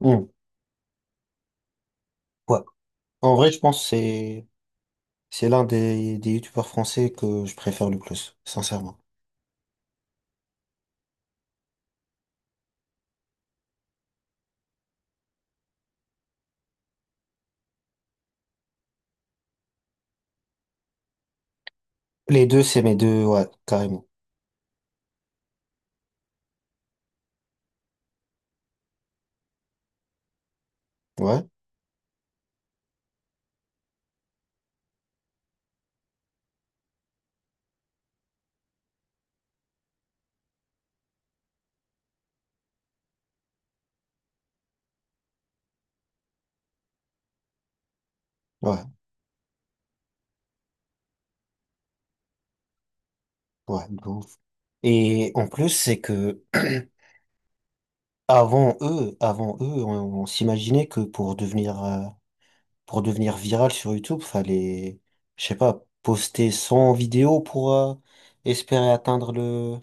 Hmm. Ouais. En vrai, je pense que c'est l'un des youtubeurs français que je préfère le plus, sincèrement. Les deux, c'est mes deux, ouais, carrément. Ouais, ouais, ouais, de ouf. Et en plus, c'est que avant eux, on s'imaginait que pour devenir viral sur YouTube, fallait, je sais pas, poster 100 vidéos pour espérer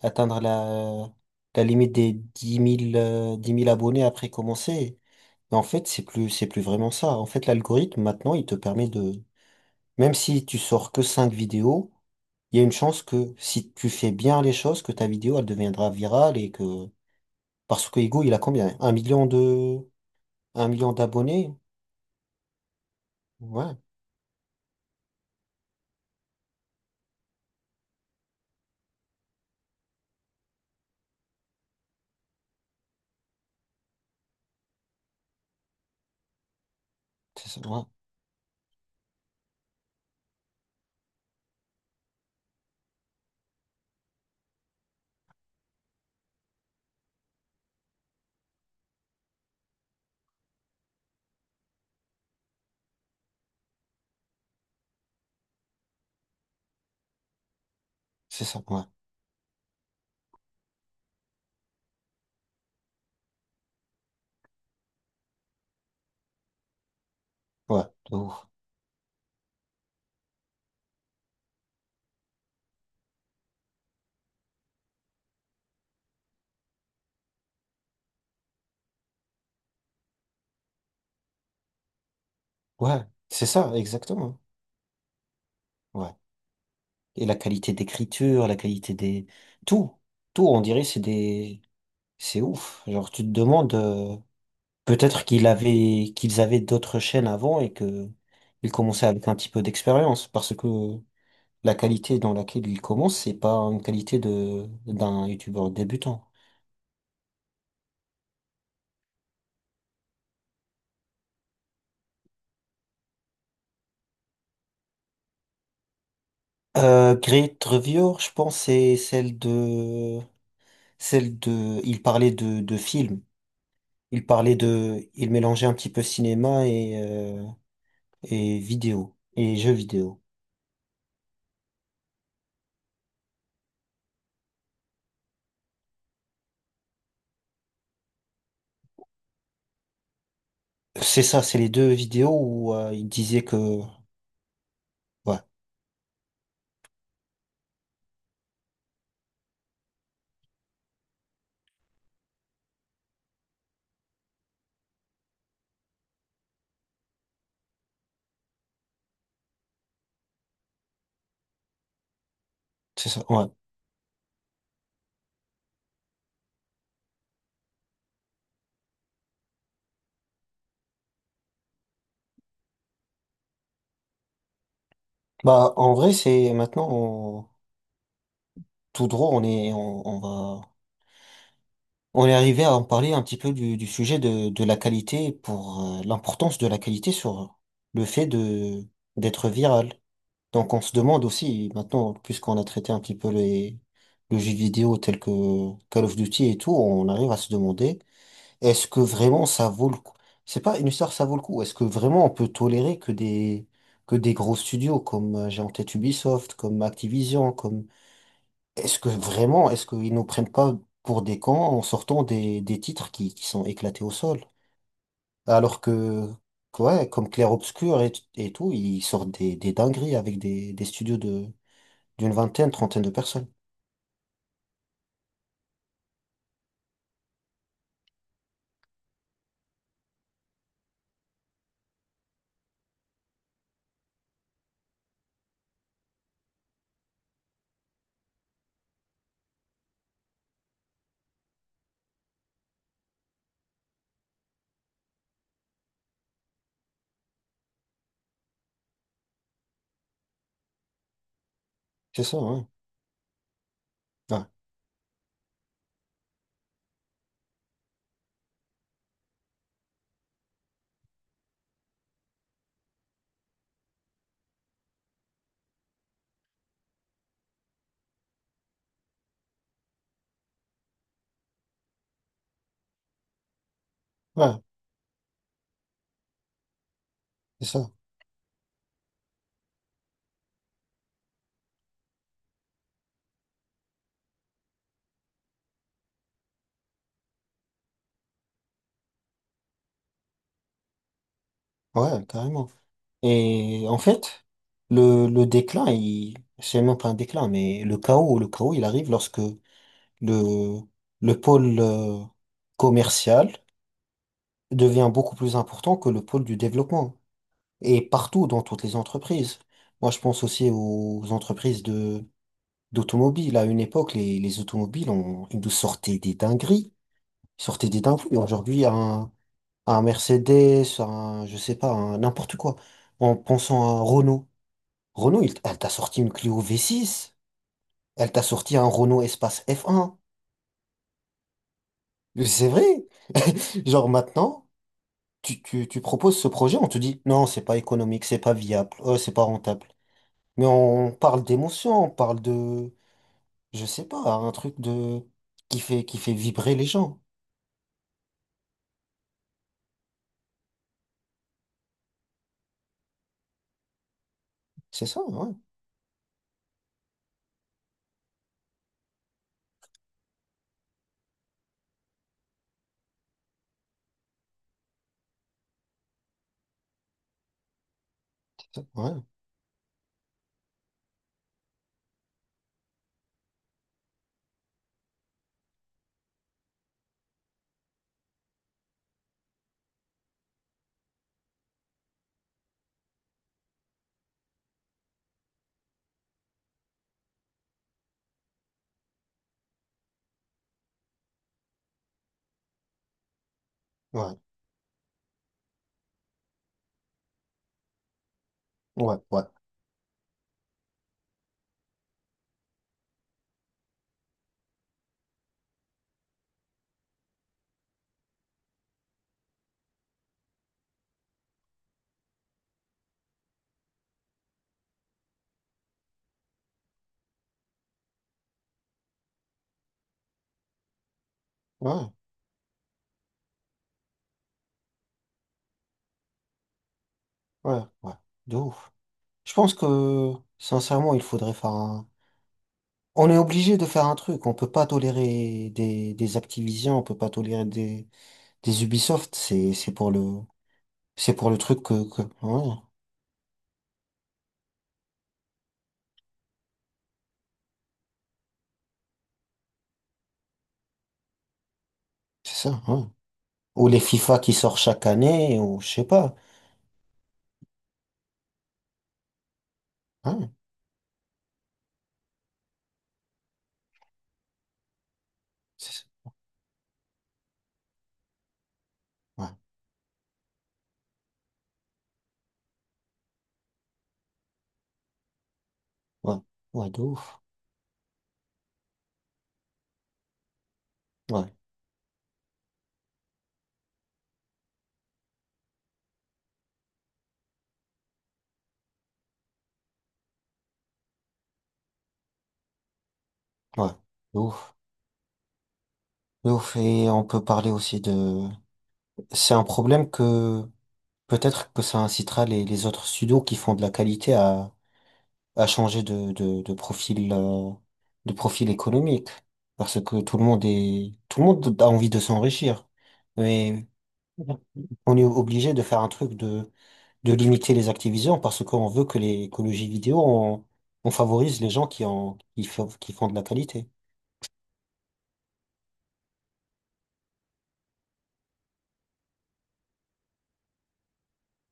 atteindre la la limite des dix mille 10 000 abonnés après commencer. En fait, c'est plus vraiment ça. En fait, l'algorithme, maintenant, il te permet de, même si tu sors que 5 vidéos, il y a une chance que si tu fais bien les choses, que ta vidéo, elle deviendra virale et que, parce que Ego, il a combien? 1 million d'abonnés? Ouais, c'est ça, ouais, c'est ça, ouais, ouais, de ouf. Ouais, c'est ça, exactement. Ouais. Et la qualité d'écriture, tout, tout, on dirait, c'est des, c'est ouf. Genre, tu te demandes, peut-être qu'ils avaient d'autres chaînes avant et que ils commençaient avec un petit peu d'expérience parce que la qualité dans laquelle ils commencent, c'est pas une qualité d'un youtubeur débutant. Great Reviewer, je pense, celle de, il parlait de films. Il parlait de, il mélangeait un petit peu cinéma et vidéo, et jeux vidéo. C'est ça, c'est les deux vidéos où il disait que, ouais, c'est ça, ouais. Bah, en vrai, c'est maintenant, tout droit, on va, on est arrivé à en parler un petit peu du sujet de la qualité pour l'importance de la qualité sur le fait de, d'être viral. Donc on se demande aussi, maintenant, puisqu'on a traité un petit peu le jeu vidéo tel que Call of Duty et tout, on arrive à se demander, est-ce que vraiment ça vaut le coup? C'est pas une histoire, ça vaut le coup. Est-ce que vraiment on peut tolérer que des gros studios comme j'ai en tête Ubisoft, comme Activision, comme est-ce que vraiment, est-ce qu'ils nous prennent pas pour des cons en sortant des titres qui sont éclatés au sol? Alors que, ouais, comme Clair Obscur et tout, ils sortent des dingueries avec des studios de, d'une vingtaine, trentaine de personnes. C'est ça, ouais. Ouais, ouais, c'est ça. Ouais, carrément. Et en fait, le déclin, il, c'est même pas un déclin, mais le chaos, il arrive lorsque le, le pôle commercial devient beaucoup plus important que le pôle du développement. Et partout dans toutes les entreprises. Moi, je pense aussi aux entreprises de d'automobiles. À une époque, les automobiles, on, ils nous sortaient des dingueries. Ils sortaient des dingueries. Aujourd'hui, un Mercedes, un, je sais pas, un n'importe quoi. En pensant à un Renault. Renault, elle t'a sorti une Clio V6. Elle t'a sorti un Renault Espace F1. Mais c'est vrai. Genre maintenant, tu proposes ce projet, on te dit non, c'est pas économique, c'est pas viable, c'est pas rentable. Mais on parle d'émotion, on parle de, je sais pas, un truc de qui fait vibrer les gens. C'est ça, ouais. C'est ça, ouais, ouais, ouais, ouais, ouais. De ouf. Je pense que sincèrement, il faudrait faire un. On est obligé de faire un truc. On peut pas tolérer des Activision, on peut pas tolérer des Ubisoft. C'est pour le truc que... ouais, c'est ça, ouais. Ou les FIFA qui sortent chaque année, ou je sais pas. Ouais, c'est ça. Ouais, ouais, ouais, de ouf. Ouais, ouais, de ouf. De ouf, et on peut parler aussi de... C'est un problème que peut-être que ça incitera les autres studios qui font de la qualité à changer de profil économique. Parce que tout le monde a envie de s'enrichir. Mais on est obligé de faire de limiter les activisions parce qu'on veut que l'écologie vidéo, on favorise les gens qui font de la qualité.